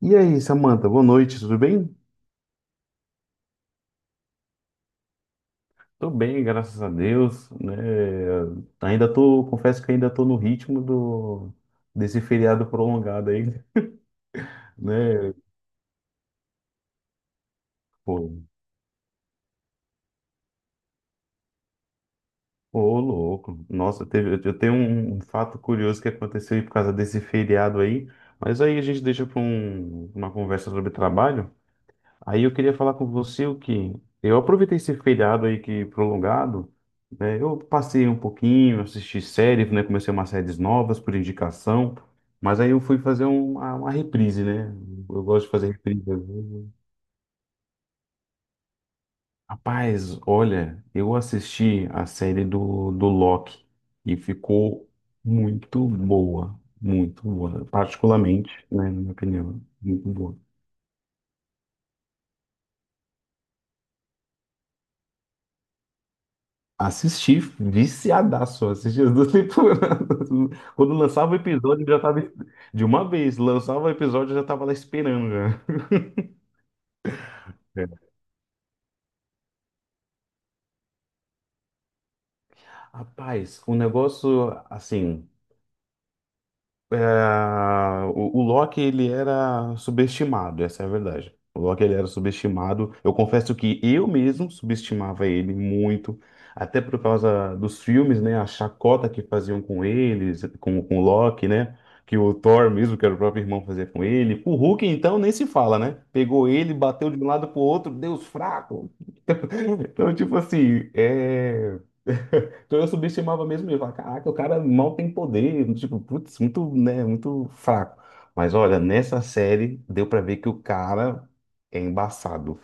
E aí, Samantha, boa noite, tudo bem? Tô bem, graças a Deus, né? Ainda tô, confesso que ainda tô no ritmo do desse feriado prolongado aí, né? Pô, ô, louco. Nossa, teve, eu tenho um fato curioso que aconteceu aí por causa desse feriado aí, mas aí a gente deixa para uma conversa sobre trabalho. Aí eu queria falar com você o que eu aproveitei esse feriado aí que prolongado, né? Eu passei um pouquinho, assisti séries, né? Comecei umas séries novas por indicação, mas aí eu fui fazer uma reprise, né? Eu gosto de fazer reprise às vezes. Rapaz, olha, eu assisti a série do Loki e ficou muito boa, particularmente, né, na minha opinião, muito boa. Assisti, viciadaço, assisti as duas temporadas. Quando lançava o episódio, eu já tava. De uma vez, lançava o episódio, eu já tava lá esperando, já. É. Rapaz, o negócio, assim. É, o Loki ele era subestimado, essa é a verdade. O Loki ele era subestimado. Eu confesso que eu mesmo subestimava ele muito, até por causa dos filmes, né? A chacota que faziam com eles, com o Loki, né? Que o Thor mesmo, que era o próprio irmão, fazia com ele. O Hulk, então, nem se fala, né? Pegou ele, bateu de um lado pro outro, Deus fraco. Então, tipo assim, é. Então eu subestimava mesmo eu. Falava, caraca, o cara mal tem poder. Tipo, putz, muito, né, muito fraco. Mas olha, nessa série deu pra ver que o cara é embaçado,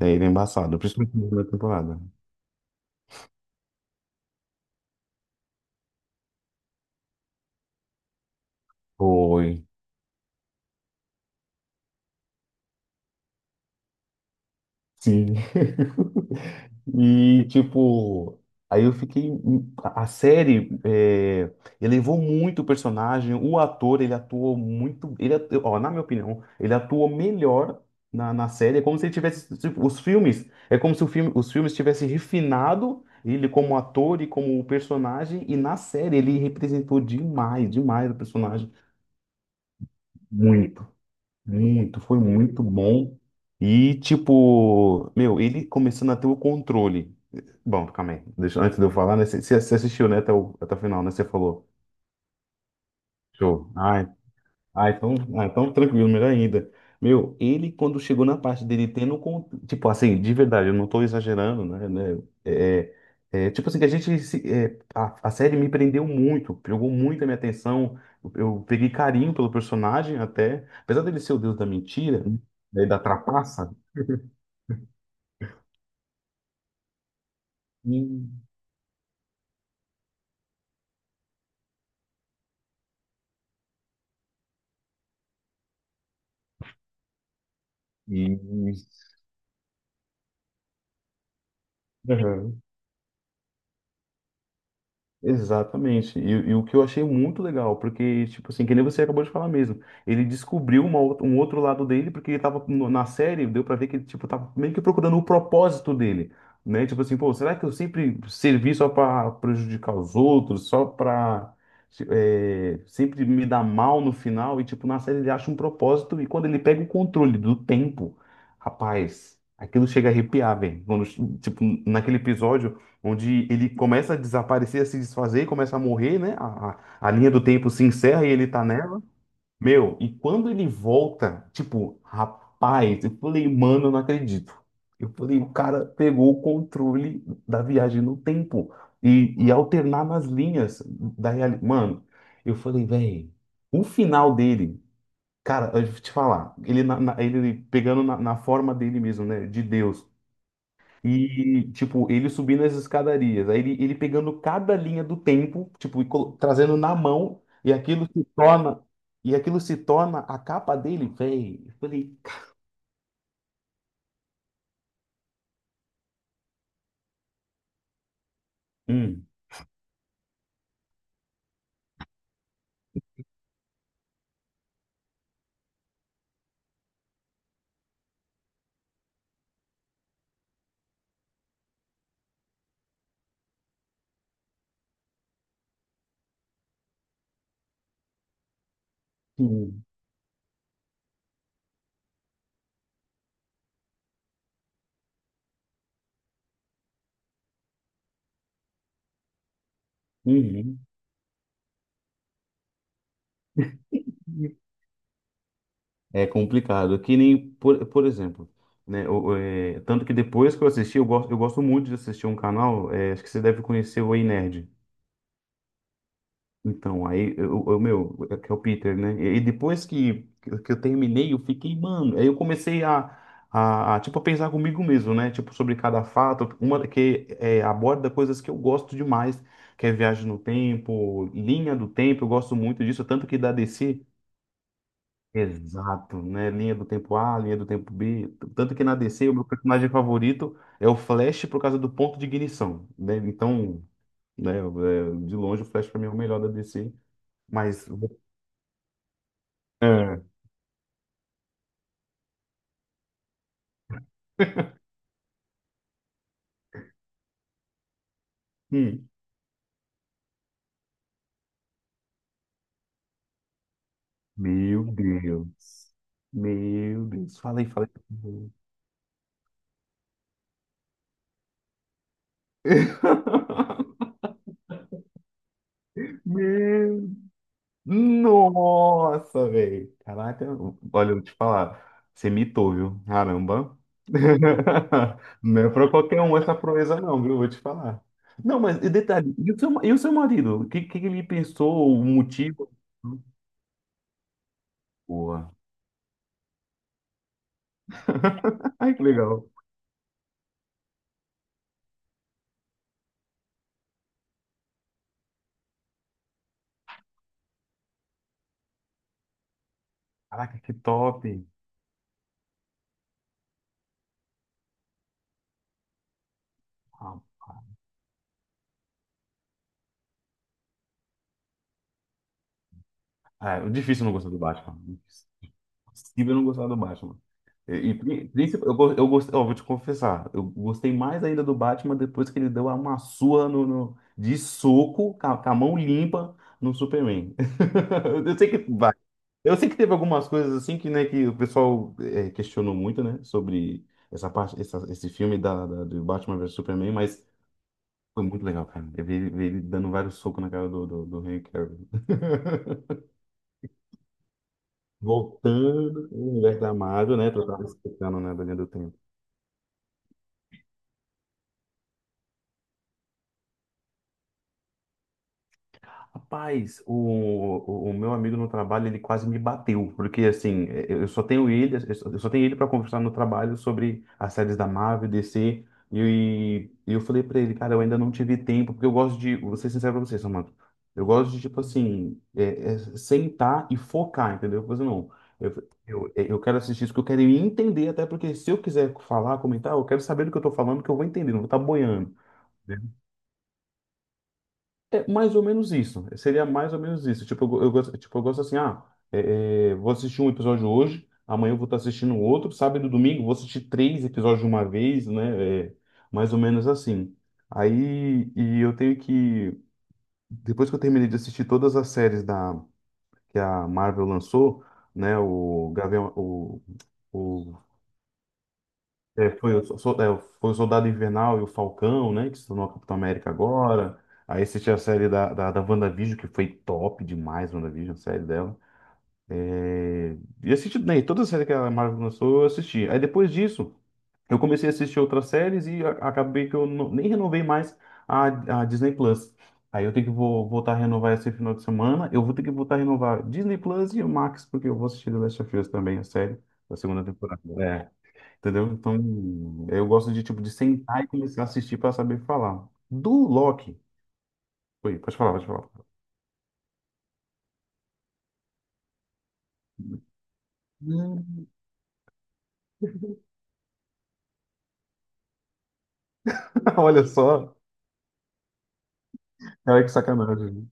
né? Ele é embaçado, principalmente na primeira temporada. Foi. Sim. E, tipo, aí eu fiquei. A série elevou muito o personagem, o ator, ele atuou muito. Ele, ó, na minha opinião, ele atuou melhor na série. É como se ele tivesse. Tipo, os filmes. É como se o filme, os filmes tivessem refinado ele como ator e como personagem. E na série ele representou demais, demais o personagem. Muito. Muito, foi muito bom. E, tipo, meu, ele começando a ter o controle. Bom, calma aí. Deixa, antes de eu falar, né? Você assistiu, né, até o final, né? Você falou. Show. Então tranquilo, melhor ainda. Meu, ele quando chegou na parte dele tendo, tipo assim, de verdade, eu não tô exagerando, né? Tipo assim, que a gente, a série me prendeu muito, pegou muito a minha atenção, eu peguei carinho pelo personagem até, apesar dele ser o deus da mentira, né, da trapaça, e, e- Aham. Exatamente. E o que eu achei muito legal, porque, tipo assim, que nem você acabou de falar mesmo, ele descobriu um outro lado dele, porque ele tava na série, deu pra ver que ele, tipo, tava meio que procurando o propósito dele, né? Tipo assim, pô, será que eu sempre servi só pra prejudicar os outros, só pra, sempre me dar mal no final? E, tipo, na série ele acha um propósito, e quando ele pega o controle do tempo, rapaz, aquilo chega a arrepiar, velho. Quando, tipo, naquele episódio onde ele começa a desaparecer, a se desfazer, começa a morrer, né? A linha do tempo se encerra e ele tá nela. Meu, e quando ele volta, tipo, rapaz, eu falei, mano, eu não acredito. Eu falei, o cara pegou o controle da viagem no tempo e alternar nas linhas da realidade. Mano, eu falei, velho, o final dele, cara, eu vou te falar, ele, ele pegando na forma dele mesmo, né? De Deus. E, tipo, ele subindo as escadarias, aí ele pegando cada linha do tempo, tipo, e trazendo na mão, e aquilo se torna a capa dele, velho. Eu falei, hum, hum, hum. É complicado. Que nem, por exemplo, né? Tanto que depois que eu assisti, eu gosto muito de assistir um canal, acho que você deve conhecer o Ei Nerd. Então, aí, meu, é que é o Peter, né? E depois que eu terminei, eu fiquei, mano. Aí eu comecei tipo, a pensar comigo mesmo, né? Tipo, sobre cada fato, uma que é, aborda coisas que eu gosto demais, que é viagem no tempo, linha do tempo, eu gosto muito disso, tanto que da DC. Exato, né? Linha do tempo A, linha do tempo B. Tanto que na DC, o meu personagem favorito é o Flash por causa do ponto de ignição, né? Então, né, de longe, o Flash pra mim é o melhor da DC. Mas Ah, hum. Meu Deus. Meu Deus. Falei, falei. Meu. Nossa, velho. Caraca. Olha, eu vou te falar. Você mitou, viu? Caramba. Não é pra qualquer um essa proeza, não, viu? Vou te falar. Não, mas e detalhe, e o seu marido? O que ele pensou? O motivo? Boa. Ai, que legal. Caraca, que top. Ah, é difícil não gostar do Batman. Impossível não gostar do Batman. E eu gostei, ó, vou te confessar, eu gostei mais ainda do Batman depois que ele deu uma surra de soco, com a mão limpa, no Superman. Eu sei que vai. Eu sei que teve algumas coisas assim que, né, que o pessoal questionou muito, né, sobre essa parte, esse filme da, do Batman versus Superman, mas foi muito legal, cara. Eu vi ele dando vários socos na cara do Henry Cavill. Voltando no universo da Marvel, né? Tu tava explicando, né, da linha do tempo. Rapaz, o meu amigo no trabalho, ele quase me bateu, porque assim, eu só tenho ele, eu só tenho ele para conversar no trabalho sobre as séries da Marvel, DC, e eu falei para ele, cara, eu ainda não tive tempo, porque eu gosto de, vou ser sincero pra você, Samantha, eu gosto de, tipo assim, sentar e focar, entendeu? Eu falei, não, eu quero assistir isso, que eu quero entender, até porque se eu quiser falar, comentar, eu quero saber do que eu tô falando, que eu vou entender, não vou estar boiando. É mais ou menos isso. Seria mais ou menos isso. Tipo, eu gosto assim, vou assistir um episódio hoje, amanhã eu vou estar assistindo outro, sábado e domingo eu vou assistir três episódios de uma vez, né? É, mais ou menos assim. Aí, e eu tenho que, depois que eu terminei de assistir todas as séries da, que a Marvel lançou, né, o Gavião, o é, foi, o, so- so, é, foi o Soldado Invernal e o Falcão, né? Que se tornou a Capitão América agora. Aí assisti a série da WandaVision, que foi top demais, WandaVision, a série dela. É, e assisti, né, toda a série que a Marvel lançou, eu assisti. Aí depois disso, eu comecei a assistir outras séries e acabei que eu nem renovei mais a Disney Plus. Aí eu tenho que vou, voltar a renovar esse final de semana. Eu vou ter que voltar a renovar Disney Plus e o Max, porque eu vou assistir The Last of Us também, a série da segunda temporada. É. Entendeu? Então, eu gosto de, tipo, de sentar e começar a assistir para saber falar. Do Loki. Oi, pode falar, pode falar. Hum. Olha só. Cara, que sacanagem.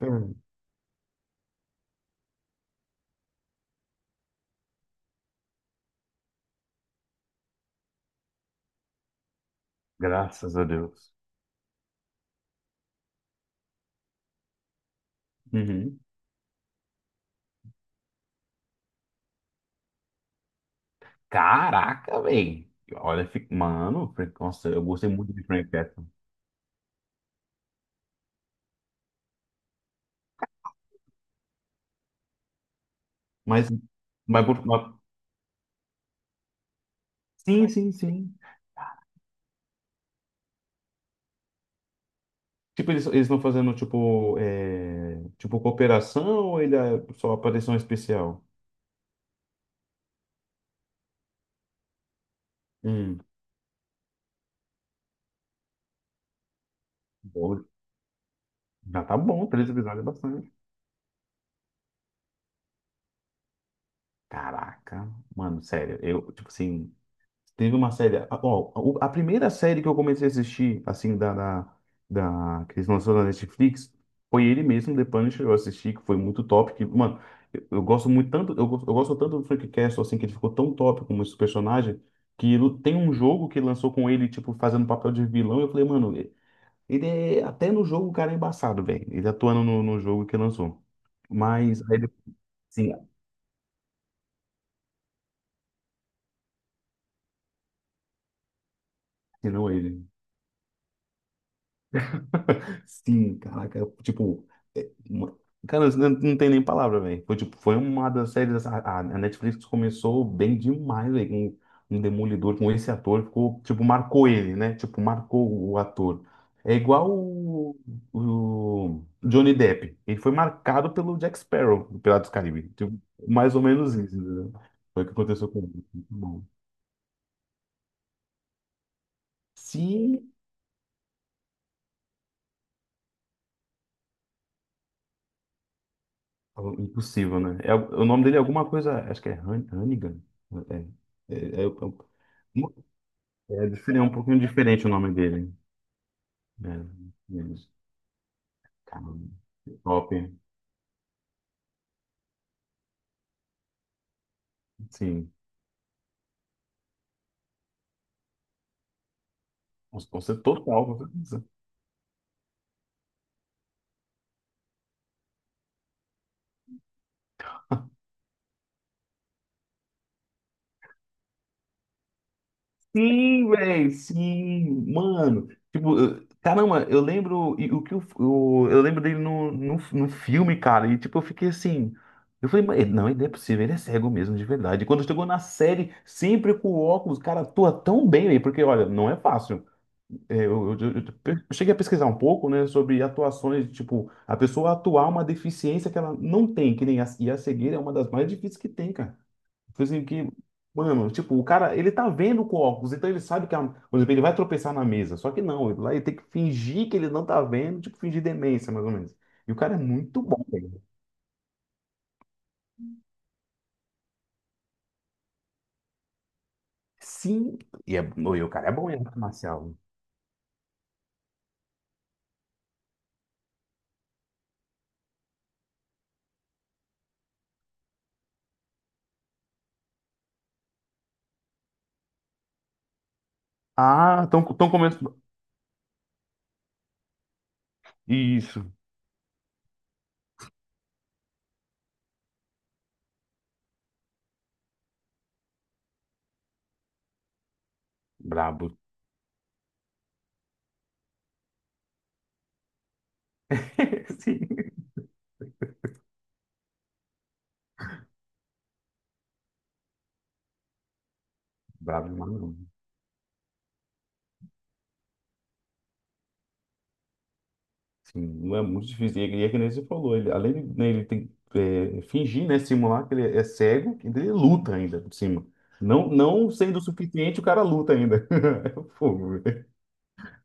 Hum. Graças a Deus. Uhum. Caraca, velho. Olha, mano, nossa, eu gostei muito de Frank Capra. Mas, mas, por- mas- sim, sim, sim. Tipo, eles estão fazendo, tipo, cooperação ou ele é só aparição especial? Hum. Bom, já tá bom, três episódios é bastante. Caraca, mano, sério, eu, tipo assim, teve uma série, ó, a primeira série que eu comecei a assistir, assim, que eles lançaram na Netflix, foi ele mesmo, The Punisher, eu assisti, que foi muito top, que, mano, eu gosto muito tanto, eu gosto tanto do Frank Castle, assim, que ele ficou tão top como esse personagem, que tem um jogo que lançou com ele, tipo, fazendo papel de vilão, e eu falei, mano, ele até no jogo o cara é embaçado, velho, ele atuando no jogo que lançou, mas, aí ele, sim, assinou ele. Sim, caraca, eu, tipo, é, uma- cara, não, não tem nem palavra, velho. Foi, tipo, foi uma das séries, a Netflix começou bem demais, velho, com um Demolidor, com esse ator, ficou, tipo, marcou ele, né? Tipo, marcou o ator. É igual o Johnny Depp, ele foi marcado pelo Jack Sparrow, do Piratas do Caribe, tipo, mais ou menos isso, entendeu? Foi o que aconteceu com ele. Muito bom. Sim, Algo Impossível, né? É, o nome dele é alguma coisa, acho que é Hannigan. É, é, é, é, é é diferente, é um pouquinho diferente o nome dele. É, é, Cara, top, sim. Com certeza, total. Sim, velho, sim, mano. Tipo, caramba, eu lembro e o que eu lembro dele no filme, cara, e tipo, eu fiquei assim. Eu falei, "Mas não, ele não é possível, ele é cego mesmo, de verdade." E quando chegou na série, sempre com óculos, cara, atua tão bem, velho, porque olha, não é fácil. É, eu cheguei a pesquisar um pouco, né, sobre atuações, tipo, a pessoa atuar uma deficiência que ela não tem, que nem a, e a cegueira é uma das mais difíceis que tem, cara. Foi assim que, mano, tipo, o cara, ele tá vendo com óculos, então ele sabe que, por exemplo, ele vai tropeçar na mesa. Só que não, ele, lá ele tem que fingir que ele não tá vendo, tipo, fingir demência, mais ou menos. E o cara é muito bom, velho. Sim, e o cara é bom em arte marcial. Ah, estão tão começando. Isso, brabo. Sim, brabo demais. Não é muito difícil. E é que nem você falou, ele, além de né, ele tem, fingir, né, simular que ele é cego, ainda ele luta ainda por cima. Não, não sendo o suficiente, o cara luta ainda. É fogo, velho.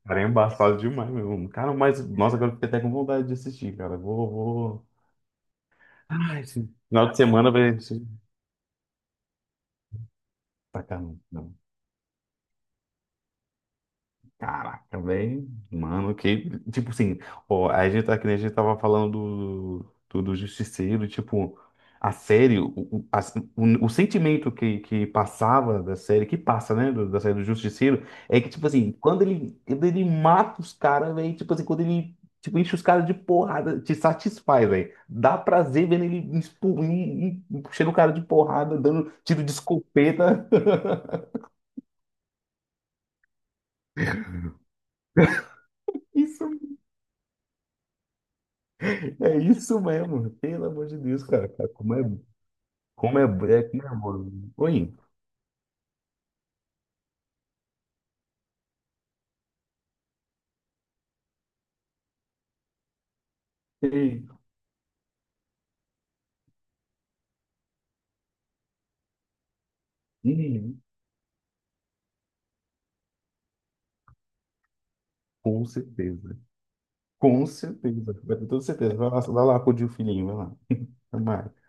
O Cara, é embaçado demais meu. Cara, mas, nossa, agora eu fiquei até com vontade de assistir, cara. Vou, vou. Ai, esse final de semana vai. Tá, cara, não. Caraca, também, mano, que, tipo assim, ó, a gente tá que nem a gente tava falando do Justiceiro, tipo, a série, o sentimento que passava da série, que passa, né, da série do Justiceiro, é que, tipo assim, quando ele mata os caras, velho, tipo assim, quando ele, tipo, enche os caras de porrada, te satisfaz, velho, dá prazer vendo ele enchendo o cara de porrada, dando tiro de escopeta, isso É isso mesmo, pelo amor de Deus, cara. Cara, como é mano. Oi. Ei, hum, com certeza. Com certeza. Vai ter toda certeza. Vai lá acudir o filhinho, vai lá. Vai lá.